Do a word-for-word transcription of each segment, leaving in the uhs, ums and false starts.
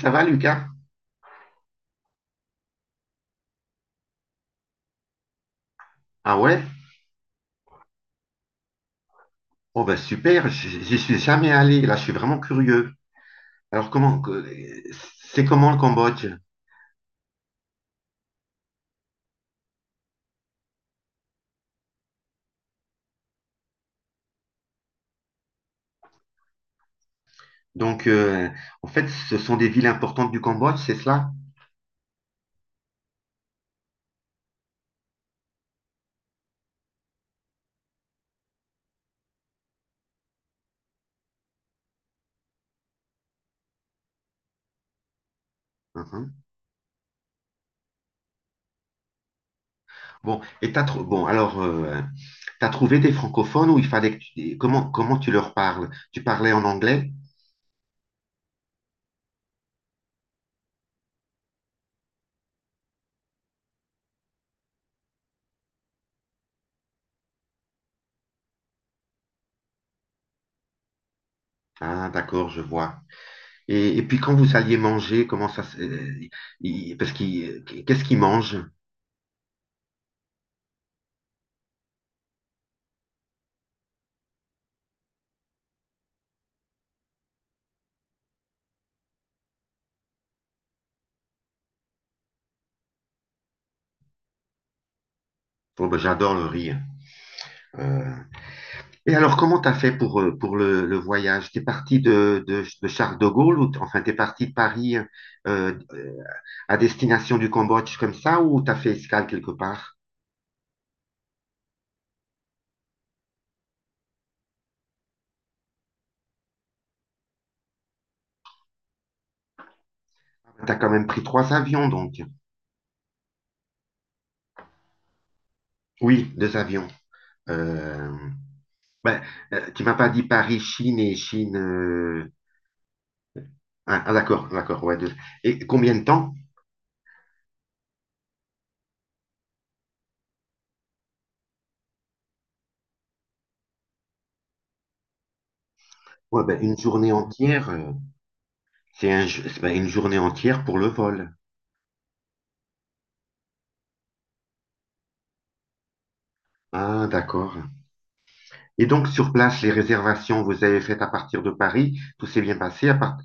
Ça va, Lucas? Ah ouais? Oh ben super, j- j'y suis jamais allé. Là, je suis vraiment curieux. Alors comment que- c'est comment le Cambodge? Donc euh, en fait, ce sont des villes importantes du Cambodge, c'est cela? Mhm. Bon, et t'as trou- bon alors euh, t'as trouvé des francophones où il fallait que tu- comment comment tu leur parles? Tu parlais en anglais? Ah, d'accord, je vois. Et, et puis quand vous alliez manger, comment ça se- euh, il- parce qu'il qu'est-ce qu'ils mangent? Oh, ben, j'adore le riz, hein. Euh, Et alors, comment t'as fait pour, euh, pour le, le voyage? T'es parti de, de, de Charles de Gaulle ou t- enfin t'es parti de Paris, euh, à destination du Cambodge comme ça ou t'as fait escale quelque part? T'as quand même pris trois avions donc. Oui, deux avions. Euh, ben, euh, tu m'as pas dit Paris, Chine et Chine, euh, Ah, ah, d'accord, d'accord, ouais. Deux. Et combien de temps? Ouais, ben, une journée entière. euh, C'est un, ju- c'est, ben, une journée entière pour le vol. Ah, d'accord. Et donc, sur place, les réservations, vous avez faites à partir de Paris, tout s'est bien passé à part.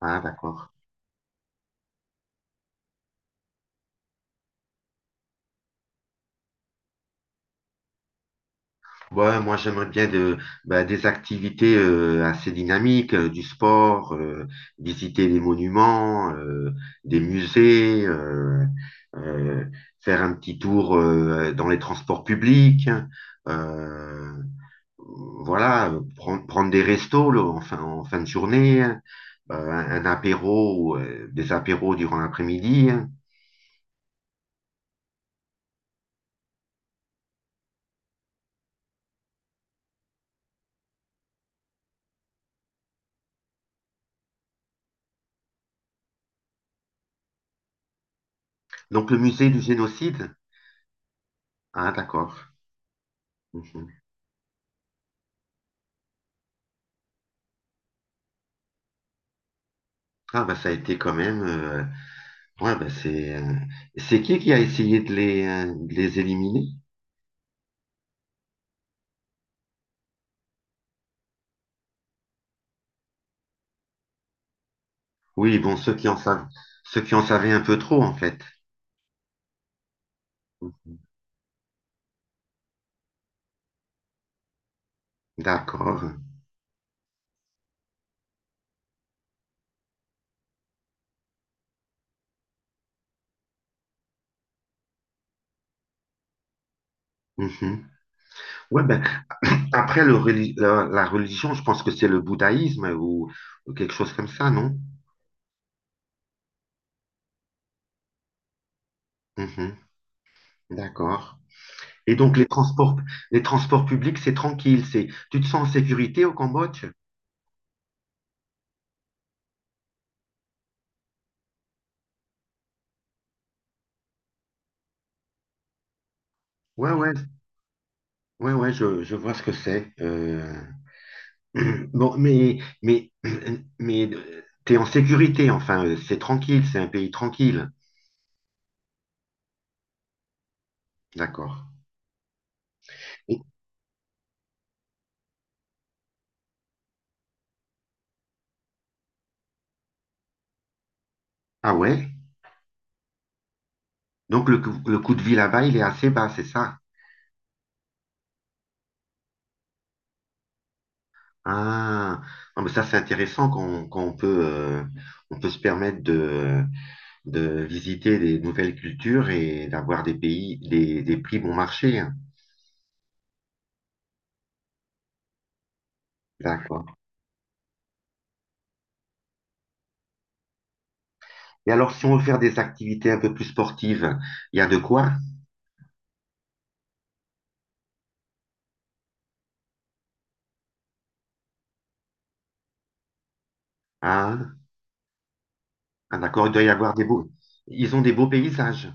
Ah, d'accord. Ouais, moi, j'aimerais bien de, bah, des activités, euh, assez dynamiques, euh, du sport, euh, visiter des monuments, euh, des musées, euh, euh, faire un petit tour, euh, dans les transports publics, euh, voilà, euh, prendre, prendre des restos là, en fin, en fin de journée, hein, euh, un, un apéro, euh, des apéros durant l'après-midi, hein. Donc le musée du génocide? Ah, d'accord. Mhm. Ah, bah ça a été quand même. Euh, ouais, bah c'est. Euh, c'est qui qui a essayé de les euh, de les éliminer? Oui, bon, ceux qui en savent ceux qui en savaient un peu trop, en fait. Mhm. D'accord. Mhm. Ouais, ben après le reli- la, la religion, je pense que c'est le bouddhaïsme, ou, ou quelque chose comme ça, non? Mhm. D'accord. Et donc les transports les transports publics, c'est tranquille, c'est tu te sens en sécurité au Cambodge? Ouais, ouais. Ouais, ouais, je, je vois ce que c'est. Euh, Bon, mais, mais, mais euh, t'es en sécurité, enfin, euh, c'est tranquille, c'est un pays tranquille. D'accord. Et- Ah, ouais? Donc le, cou- le coût de vie là-bas, il est assez bas, c'est ça? Ah, non, mais ça, c'est intéressant qu'on qu'on peut, euh, on peut se permettre de, de visiter des nouvelles cultures et d'avoir des pays, des, des prix bon marché, hein. D'accord. Et alors, si on veut faire des activités un peu plus sportives, il y a de quoi? Ah, ah, d'accord, il doit y avoir des beaux. Ils ont des beaux paysages.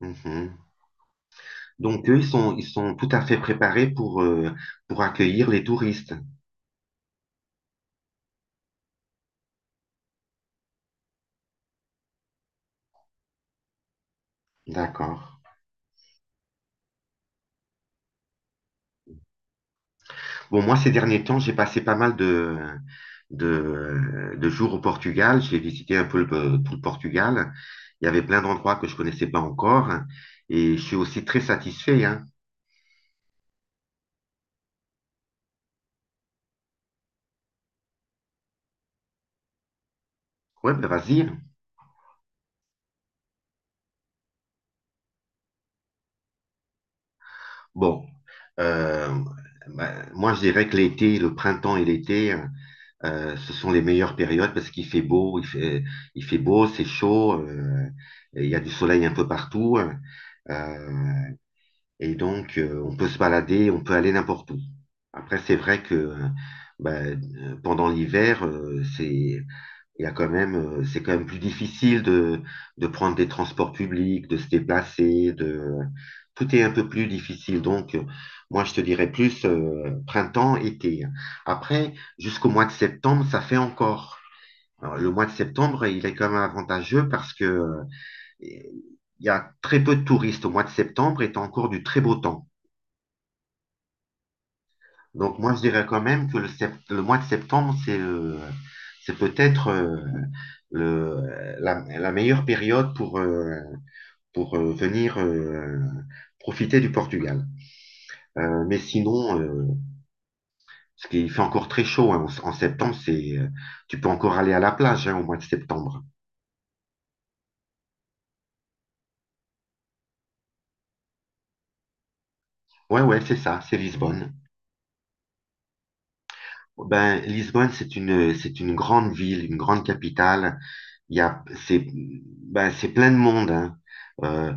Mhm. Donc, eux, ils sont, ils sont tout à fait préparés pour, euh, pour accueillir les touristes. D'accord. Bon, moi, ces derniers temps, j'ai passé pas mal de, de, de jours au Portugal. J'ai visité un peu le- tout le Portugal. Il y avait plein d'endroits que je connaissais pas encore. Et je suis aussi très satisfait, hein. Ouais, ben vas-y. Bon, euh, bah, moi, je dirais que l'été, le printemps et l'été. Euh, ce sont les meilleures périodes parce qu'il fait beau, il fait, il fait beau, c'est chaud, euh, et il y a du soleil un peu partout. euh, et donc, euh, on peut se balader, on peut aller n'importe où. Après, c'est vrai que euh, bah, euh, pendant l'hiver, euh, c'est il y a quand même, euh, c'est quand même plus difficile de, de prendre des transports publics, de se déplacer, de, tout est un peu plus difficile. Donc, euh, moi, je te dirais plus, euh, printemps, été. Après, jusqu'au mois de septembre, ça fait encore. Alors, le mois de septembre, il est quand même avantageux parce que euh, il y a très peu de touristes au mois de septembre et t'as encore du très beau temps. Donc moi, je dirais quand même que le, sept- le mois de septembre, c'est, euh, c'est peut-être, euh, le, la, la meilleure période pour, euh, pour euh, venir euh, profiter du Portugal. Euh, mais sinon, euh, ce qui fait encore très chaud, hein, en, en septembre, c'est, euh, tu peux encore aller à la plage, hein, au mois de septembre. Ouais, ouais, c'est ça, c'est Lisbonne. Ben, Lisbonne, c'est une, c'est une grande ville, une grande capitale. Il y a, c'est, ben, c'est plein de monde, hein. Euh,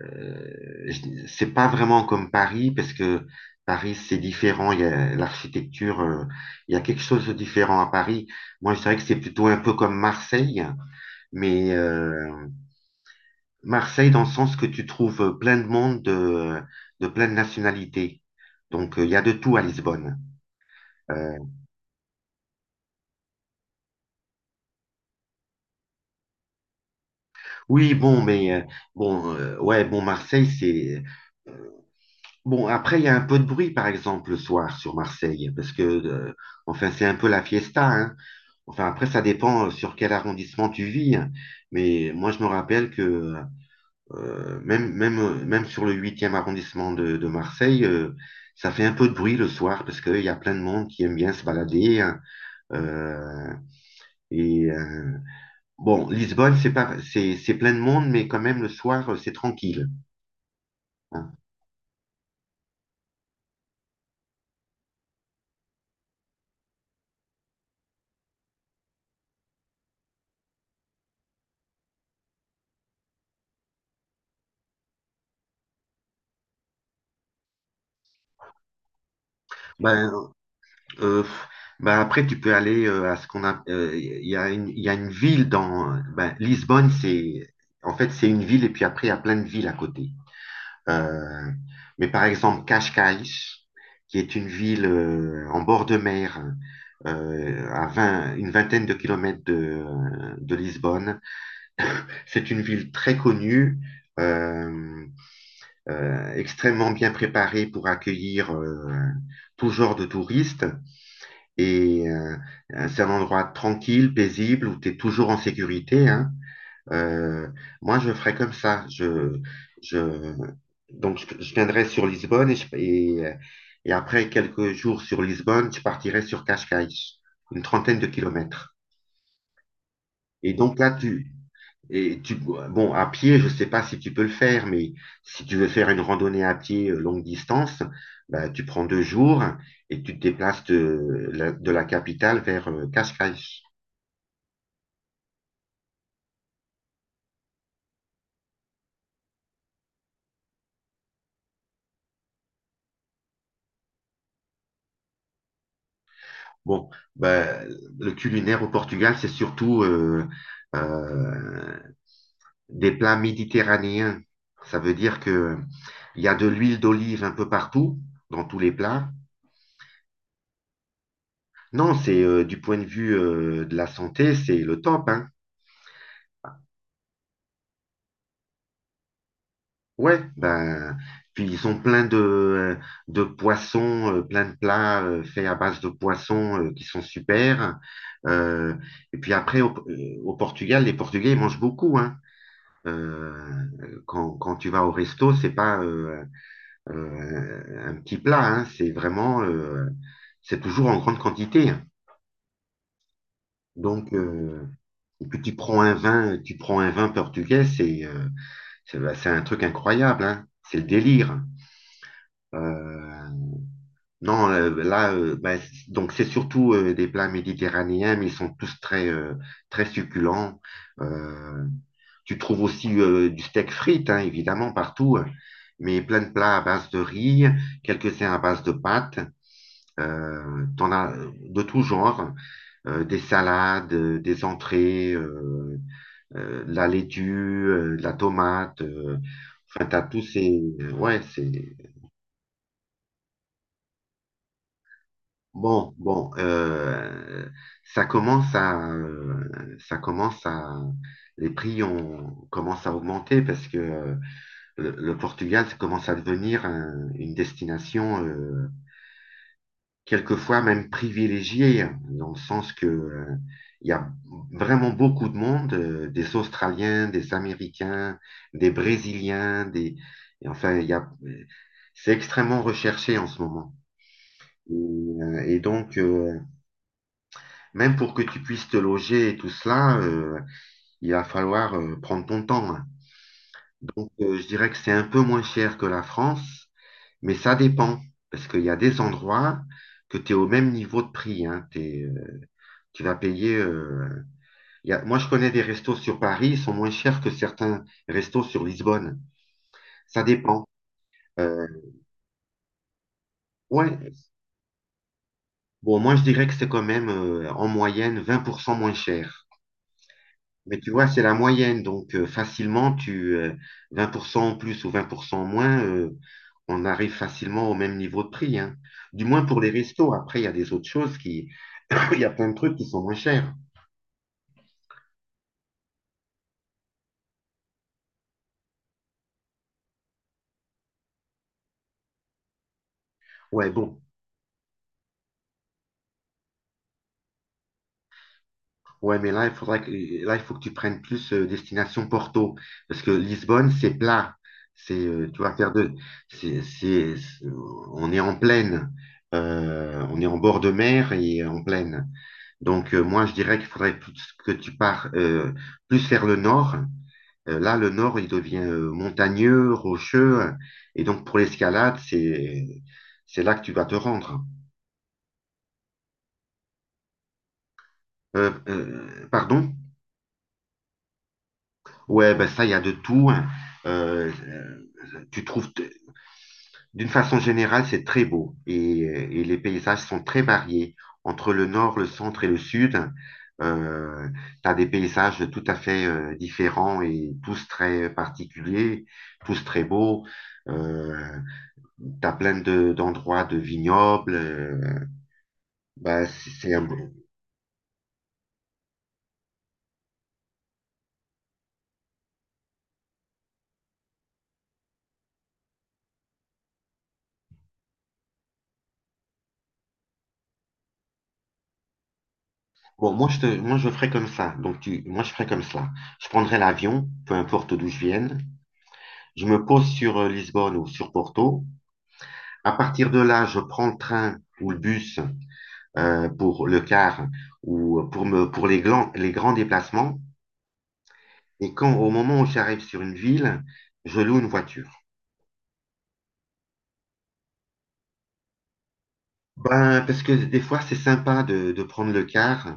Euh, je- c'est pas vraiment comme Paris, parce que Paris, c'est différent. Il y a l'architecture, euh, il y a quelque chose de différent à Paris. Moi, je dirais que c'est plutôt un peu comme Marseille, mais euh, Marseille dans le sens que tu trouves plein de monde de, de plein de nationalités. Donc, euh, il y a de tout à Lisbonne. Euh, oui, bon, mais euh, bon, euh, ouais, bon, Marseille, c'est bon. Après, il y a un peu de bruit, par exemple, le soir sur Marseille, parce que euh, enfin, c'est un peu la fiesta, hein. Enfin, après, ça dépend, euh, sur quel arrondissement tu vis, hein. Mais moi, je me rappelle que euh, même, même, euh, même sur le huitième arrondissement de, de Marseille, euh, ça fait un peu de bruit le soir parce qu'il y a plein de monde qui aime bien se balader, hein. Euh, et euh, bon, Lisbonne, c'est pas, c'est, c'est plein de monde, mais quand même, le soir, euh, c'est tranquille, hein. Ben, Euh, bah après, tu peux aller, euh, à ce qu'on a. Euh, Il y a une, il y a une ville dans. Euh, ben, Lisbonne, c'est. En fait, c'est une ville, et puis après, il y a plein de villes à côté. Euh, mais par exemple, Cascais, qui est une ville, euh, en bord de mer, euh, à vingt une vingtaine de kilomètres de, de Lisbonne, c'est une ville très connue. euh, euh, Extrêmement bien préparée pour accueillir, euh, tout genre de touristes. Et euh, euh, c'est un endroit tranquille, paisible, où tu es toujours en sécurité, hein. Euh, Moi, je ferais comme ça. Je, je, donc, je, je viendrais sur Lisbonne et, je- et, euh, et après quelques jours sur Lisbonne, je partirais sur Cascais, une trentaine de kilomètres. Et donc là, tu, et tu, bon, à pied, je sais pas si tu peux le faire, mais si tu veux faire une randonnée à pied, euh, longue distance, bah, tu prends deux jours et tu te déplaces de, la de la capitale vers, euh, Cascais. Bon, ben, le culinaire au Portugal, c'est surtout, euh, euh, des plats méditerranéens. Ça veut dire que il y a de l'huile d'olive un peu partout, dans tous les plats. Non, c'est, euh, du point de vue, euh, de la santé, c'est le top, hein. Ouais, ben, puis ils ont plein de, de poissons, euh, plein de plats, euh, faits à base de poissons, euh, qui sont super. Euh, et puis après, au, euh, au Portugal, les Portugais, ils mangent beaucoup, hein. Euh, quand, quand tu vas au resto, c'est pas, euh, euh, un petit plat, hein, c'est vraiment, euh, c'est toujours en grande quantité. Donc, euh, et puis tu prends un vin, tu prends un vin portugais, c'est euh, c'est bah, c'est un truc incroyable, hein, c'est le délire. Euh, non, euh, là, euh, bah, c- donc c'est surtout, euh, des plats méditerranéens, mais ils sont tous très, euh, très succulents. Euh, Tu trouves aussi, euh, du steak frites, hein, évidemment, partout, hein, mais plein de plats à base de riz, quelques-uns à base de pâtes. Euh, t'en as, euh, de tout genre, euh, des salades, euh, des entrées, euh, euh, de la laitue, euh, de la tomate. Euh, enfin, t'as tous ces. euh, Ouais, c'est. Bon, bon, euh, ça commence à. Euh, ça commence à. Les prix ont, commencent à augmenter parce que euh, le, le Portugal ça commence à devenir, un- une destination, euh, quelquefois même privilégiée, hein, dans le sens que, euh, il y a vraiment beaucoup de monde, euh, des Australiens, des Américains, des Brésiliens, des et enfin il y a, c'est extrêmement recherché en ce moment. Et, euh, et donc, euh, même pour que tu puisses te loger et tout cela, euh, il va falloir, euh, prendre ton temps, hein. Donc, euh, je dirais que c'est un peu moins cher que la France, mais ça dépend, parce qu'il y a des endroits que tu es au même niveau de prix, hein. T'es, euh, tu vas payer. Euh, il y a- moi, je connais des restos sur Paris, ils sont moins chers que certains restos sur Lisbonne. Ça dépend. Euh, ouais, bon, moi, je dirais que c'est quand même, euh, en moyenne vingt pour cent moins cher. Mais tu vois, c'est la moyenne, donc, euh, facilement, tu euh, vingt pour cent en plus ou vingt pour cent en moins, euh, on arrive facilement au même niveau de prix, hein. Du moins pour les restos. Après, il y a des autres choses qui, il y a plein de trucs qui sont moins chers. Ouais, bon. Ouais, mais là, il faudra, que, là, il faut que tu prennes plus euh, destination Porto, parce que Lisbonne, c'est plat. C'est, euh, tu vas faire de, c'est, c'est, c'est- On est en plaine. Euh, on est en bord de mer et en plaine. Donc, euh, moi, je dirais qu'il faudrait plus- que tu pars euh, plus vers le nord. Euh, là, le nord, il devient euh, montagneux, rocheux. Et donc, pour l'escalade, c'est, c'est là que tu vas te rendre. Euh, euh, pardon? Ouais, ben ça, il y a de tout, hein. Euh, euh, tu trouves, t- D'une façon générale, c'est très beau, et et les paysages sont très variés. Entre le nord, le centre et le sud, euh, tu as des paysages tout à fait euh, différents et tous très particuliers, tous très beaux. Euh, Tu as plein de- d'endroits de vignobles. euh, bah, c'est c'est un... bon, Bon, moi je, te, moi, je ferais comme ça. Donc, tu, moi, je ferais comme cela. Je prendrais l'avion, peu importe d'où je vienne. Je me pose sur euh, Lisbonne ou sur Porto. À partir de là, je prends le train ou le bus euh, pour le car ou pour, me, pour les, grands les grands déplacements. Et quand Au moment où j'arrive sur une ville, je loue une voiture. Ben, parce que des fois, c'est sympa de, de prendre le car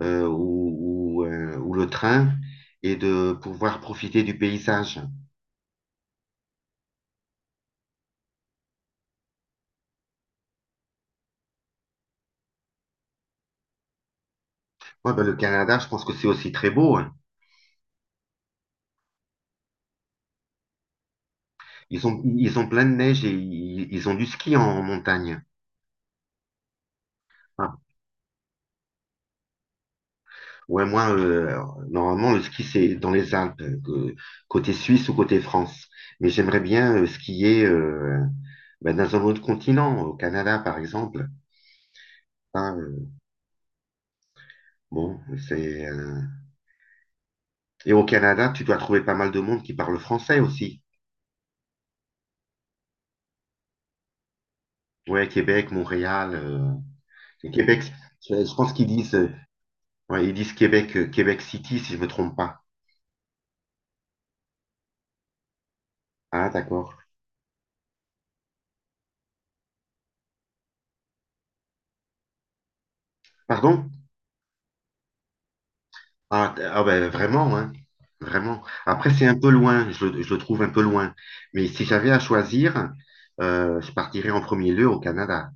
euh, ou, ou, euh, ou le train et de pouvoir profiter du paysage. Moi, ben, le Canada, je pense que c'est aussi très beau, hein. Ils ont, ils ont plein de neige, et ils, ils ont du ski en montagne. Ah, ouais, moi, euh, alors, normalement, le ski, c'est dans les Alpes, euh, que- côté Suisse ou côté France. Mais j'aimerais bien euh, skier, euh, ben, dans un autre continent, au Canada, par exemple. Ça, euh, bon, c'est, euh, Et au Canada, tu dois trouver pas mal de monde qui parle français aussi. Ouais, Québec, Montréal. euh, et Québec, je, je pense qu'ils disent, euh, ouais, ils disent Québec, euh, Québec City, si je me trompe pas. Ah, d'accord. Pardon? Ah, d- ah ben, vraiment, hein. Vraiment. Après, c'est un peu loin, je, le je le trouve un peu loin. Mais si j'avais à choisir, euh, je partirais en premier lieu au Canada.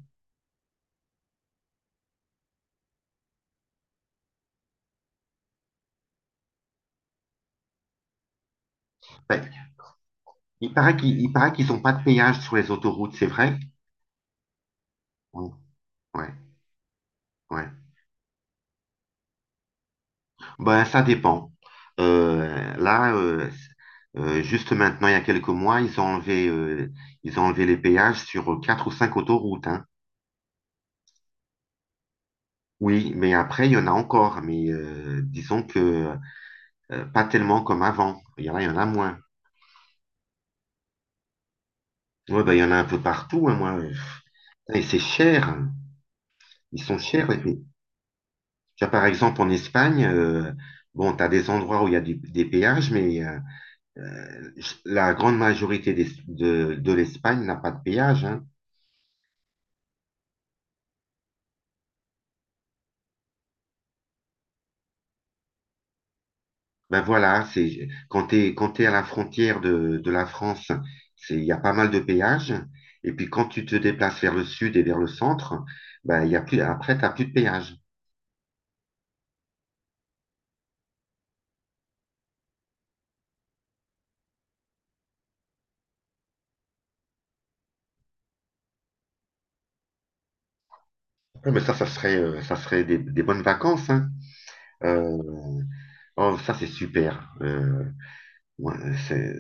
Ben, il paraît qu'il, il paraît qu'ils n'ont pas de péage sur les autoroutes, c'est vrai? Oui. Ouais, ouais. Ben, ça dépend. Euh, là, euh, euh, juste maintenant, il y a quelques mois, ils ont enlevé, euh, ils ont enlevé les péages sur quatre ou cinq autoroutes, hein. Oui, mais après, il y en a encore. Mais euh, disons que euh, pas tellement comme avant. Il y en a, il y en a moins. Ouais, bah, il y en a un peu partout, hein, moi. Putain, et c'est cher, hein. Ils sont chers, les pays. Tu vois, par exemple, en Espagne, euh, bon, tu as des endroits où il y a du- des péages, mais euh, euh, la grande majorité des- de, de l'Espagne n'a pas de péage, hein. Ben voilà, c'est, quand tu es, quand t'es à la frontière de, de la France, c'est, il y a pas mal de péages. Et puis quand tu te déplaces vers le sud et vers le centre, ben, il y a plus, après, tu plus de péage. Ouais, mais ça, ça serait, euh, ça serait des, des bonnes vacances, hein. Euh, Oh, ça c'est super. Euh, ouais, c'est,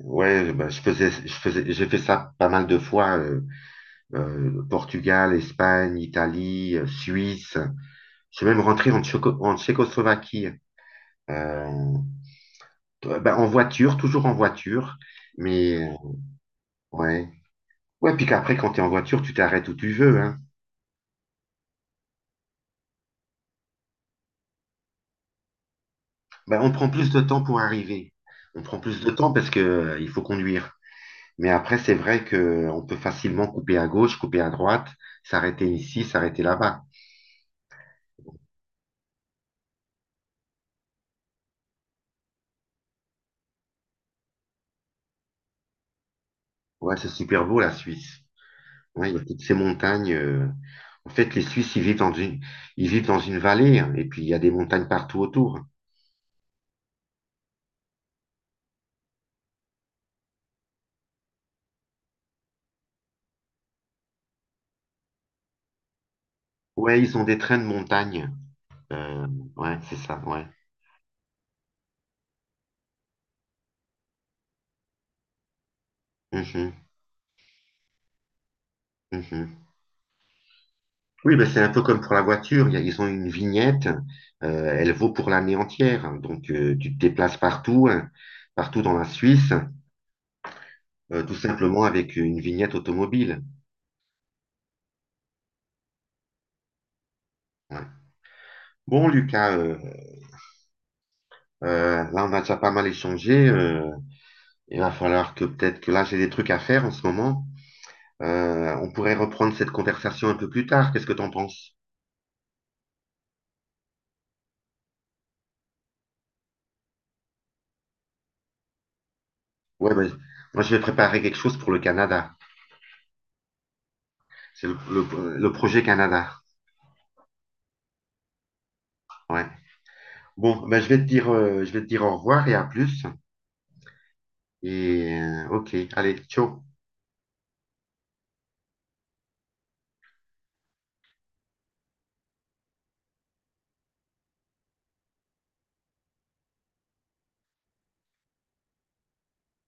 ouais, bah, je faisais, je faisais, j'ai fait ça pas mal de fois. euh, euh, Portugal, Espagne, Italie, euh, Suisse. Je suis même rentré en, Tchéco- en Tchécoslovaquie. Euh, t- Bah, en voiture, toujours en voiture. Mais euh, ouais, ouais. Puis qu'après, quand t'es en voiture, tu t'arrêtes où tu veux, hein. Bah, on prend plus de temps pour arriver. On prend plus de temps parce que euh, il faut conduire. Mais après, c'est vrai que on peut facilement couper à gauche, couper à droite, s'arrêter ici, s'arrêter là-bas. Ouais, c'est super beau, la Suisse. Ouais, il y a toutes ces montagnes. euh, En fait, les Suisses, ils vivent dans une, ils vivent dans une vallée, hein, et puis il y a des montagnes partout autour. Ouais, ils ont des trains de montagne. Euh, ouais, c'est ça, ouais. Mhm, mhm. Oui, mais c'est un peu comme pour la voiture. Il y a- Ils ont une vignette, euh, elle vaut pour l'année entière, hein. Donc, euh, tu te déplaces partout, hein, partout dans la Suisse, euh, tout simplement avec une vignette automobile. Ouais. Bon, Lucas, euh, euh, là, on a déjà pas mal échangé. Euh, il va falloir que peut-être que là, j'ai des trucs à faire en ce moment. Euh, on pourrait reprendre cette conversation un peu plus tard. Qu'est-ce que t'en penses? Ouais, ben, moi, je vais préparer quelque chose pour le Canada. C'est le, le- le projet Canada. Ouais. Bon, ben, je vais te dire, euh, je vais te dire au revoir et à plus. Et euh, ok, allez, ciao.